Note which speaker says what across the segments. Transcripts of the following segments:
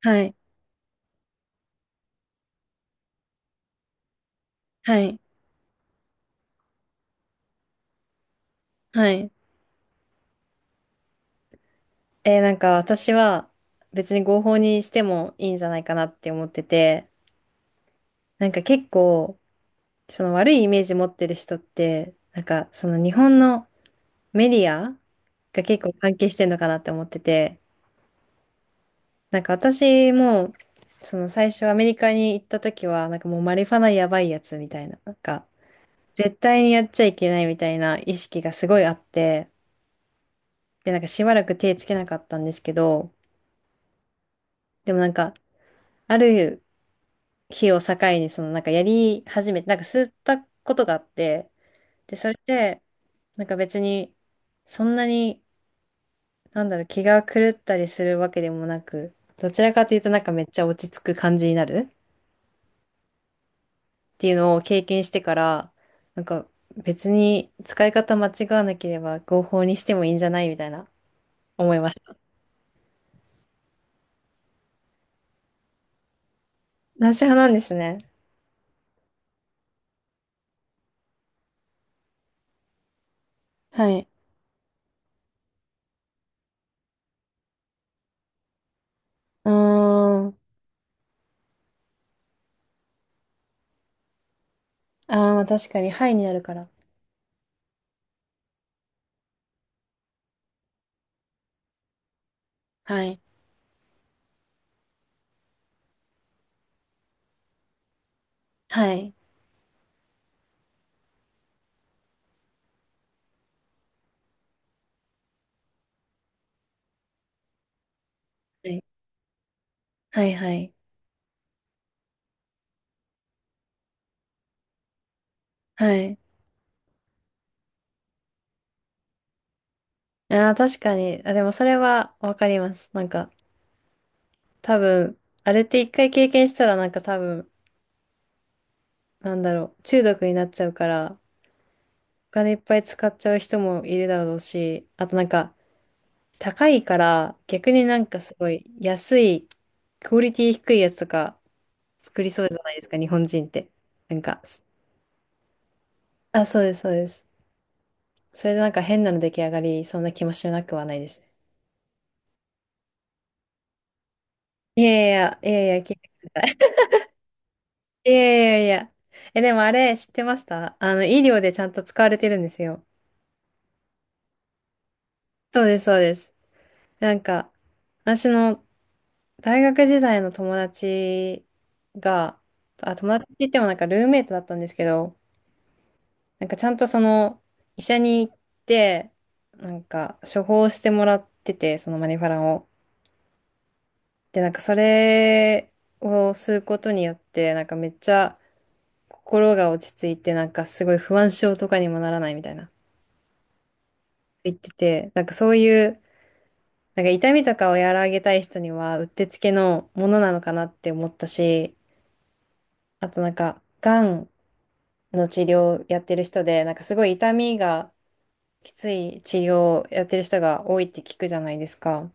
Speaker 1: はい、はい、はい。私は別に合法にしてもいいんじゃないかなって思ってて、結構その悪いイメージ持ってる人って、その日本のメディアが結構関係してんのかなって思ってて、私もその最初アメリカに行った時はもうマリファナやばいやつみたいな、絶対にやっちゃいけないみたいな意識がすごいあって、でしばらく手つけなかったんですけど、でもある日を境に、そのやり始めて、吸ったことがあって、で、それで、別に、そんなに、なんだろう、気が狂ったりするわけでもなく、どちらかというとめっちゃ落ち着く感じになるっていうのを経験してから、なんか別に使い方間違わなければ合法にしてもいいんじゃないみたいな思いました。なし派なんですね。はい。うーん。ああ、まあ確かに、はいになるから。はい。はい。はい。はい。はい。はい。ああ、確かに。あ、でもそれはわかります。なんか、多分、あれって一回経験したら多分、なんだろう、中毒になっちゃうから、お金いっぱい使っちゃう人もいるだろうし、あと、高いから、逆にすごい安い、クオリティ低いやつとか作りそうじゃないですか、日本人って。なんか、あ、そうです、そうです。それで変なの出来上がりそうな気もしなくはないですね。いやいやいや、いやいや、聞いてください。いやいやいや。え、でもあれ知ってました？あの、医療でちゃんと使われてるんですよ。そうです、そうです。なんか、私の大学時代の友達が、あ、友達って言ってもルームメイトだったんですけど、ちゃんとその、医者に行って、処方してもらってて、そのマニファランを。で、それを吸うことによって、めっちゃ心が落ち着いて、すごい不安症とかにもならないみたいな。言ってて、そういう、痛みとかを和らげたい人にはうってつけのものなのかなって思ったし、あと、がんの治療やってる人で、すごい痛みがきつい治療をやってる人が多いって聞くじゃないですか。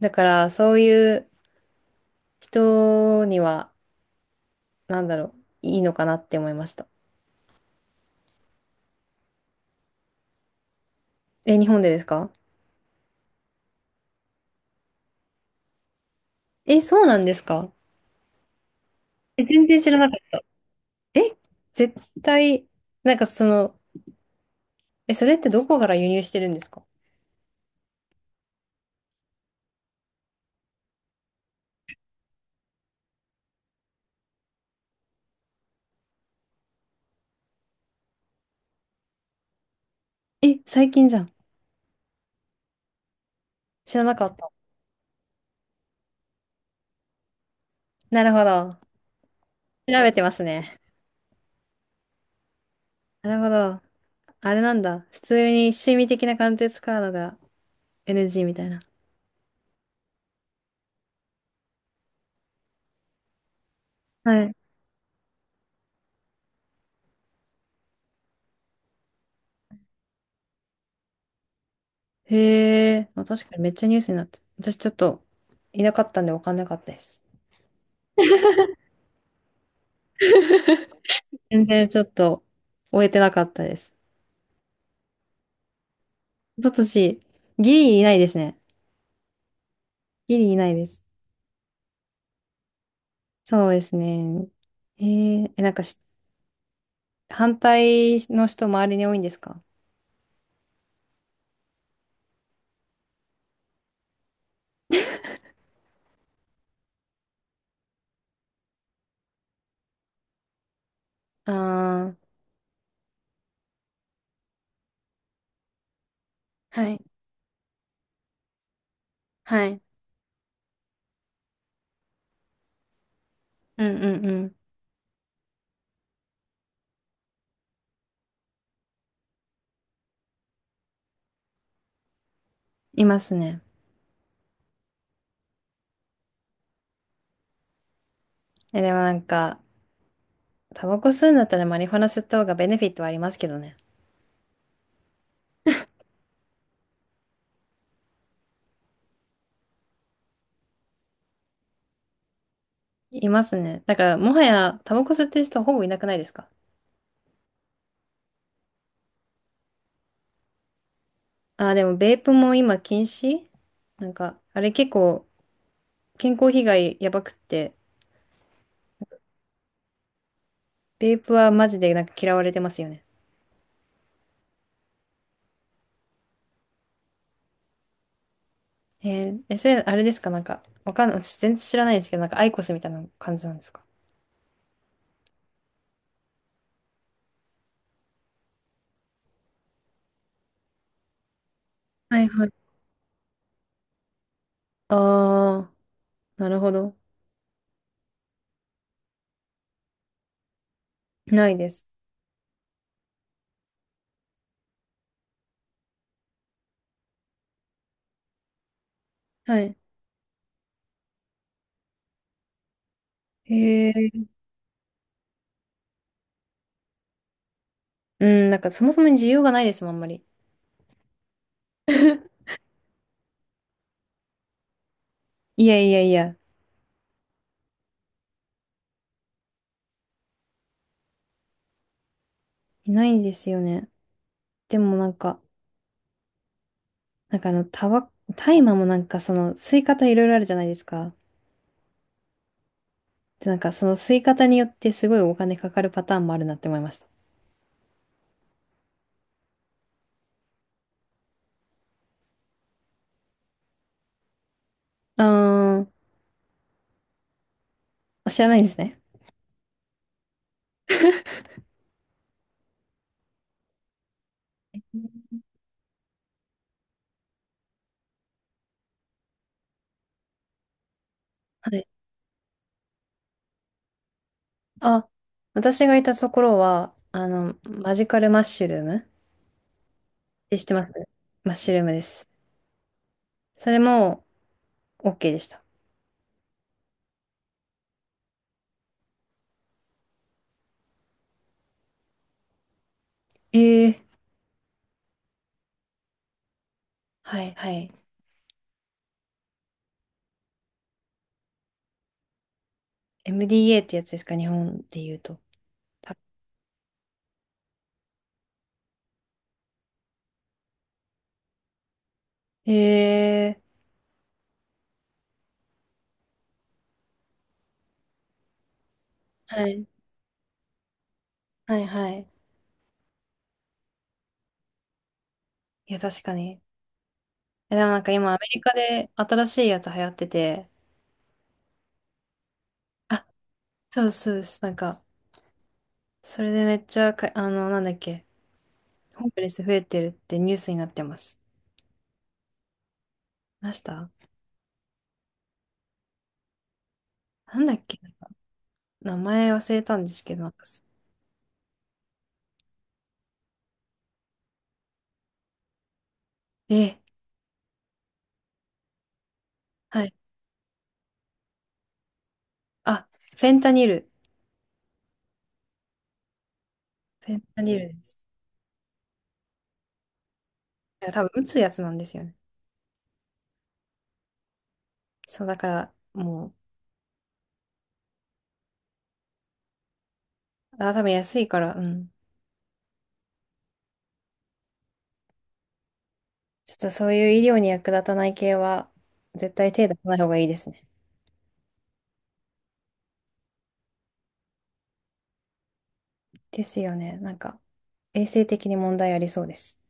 Speaker 1: だからそういう人には、なんだろう、いいのかなって思いました。え、日本でですか？え、そうなんですか？え、全然知らなかった。え、絶対、その、え、それってどこから輸入してるんですか？え、最近じゃん。知らなかった。なるほど。調べてますね。なるほど。あれなんだ。普通に趣味的な感じで使うのが NG みたいな。はい。へえ、まあ、確かにめっちゃニュースになって。私ちょっといなかったんで分かんなかったです。全然ちょっと終えてなかったです。一昨年、ギリいないですね。ギリいないです。そうですね。へえ、え、なんかし、反対の人周りに多いんですか？ああー、はい。はい。うんうん。いますね。え、でも、タバコ吸うんだったらマリファナ吸った方がベネフィットはありますけどね。いますね。だから、もはやタバコ吸ってる人はほぼいなくないですか？ああ、でもベープも今禁止。なんか、あれ結構健康被害やばくって、ベープはマジで嫌われてますよね。えー、え、それ、あれですか？なんか、わかんない。私全然知らないですけど、なんかアイコスみたいな感じなんですか？はいはい。ああ、なるほど。ないです。はい。へえ。うん、なんかそもそも需要がないですもん、あんまり。いやいやいや、いないんですよね。でもなんか、なんかあの、タバ、大麻もその、吸い方いろいろあるじゃないですか。で、その吸い方によってすごいお金かかるパターンもあるなって思いました。あー、あ知らないんですね。はい。あ、私がいたところは、あの、マジカルマッシュルームって知ってます？マッシュルームです。それも OK でした。ええ。はい、はい。MDA ってやつですか、日本で言うと。た、ええ、はい、はい、はい。いや、確かに。え、でもなんか今アメリカで新しいやつ流行ってて、あ、そうですそうです。なんか、それでめっちゃか、あの、なんだっけ、ホームレス増えてるってニュースになってます。見ました？なんだっけ、名前忘れたんですけど、なんかす、え、はい。あ、フェンタニル。フェンタニルです。いや、多分打つやつなんですよね。そう、だから、もう、あ、多分安いから、うん。ちょっとそういう医療に役立たない系は、絶対手出さない方がいいですね。ですよね。なんか、衛生的に問題ありそうです。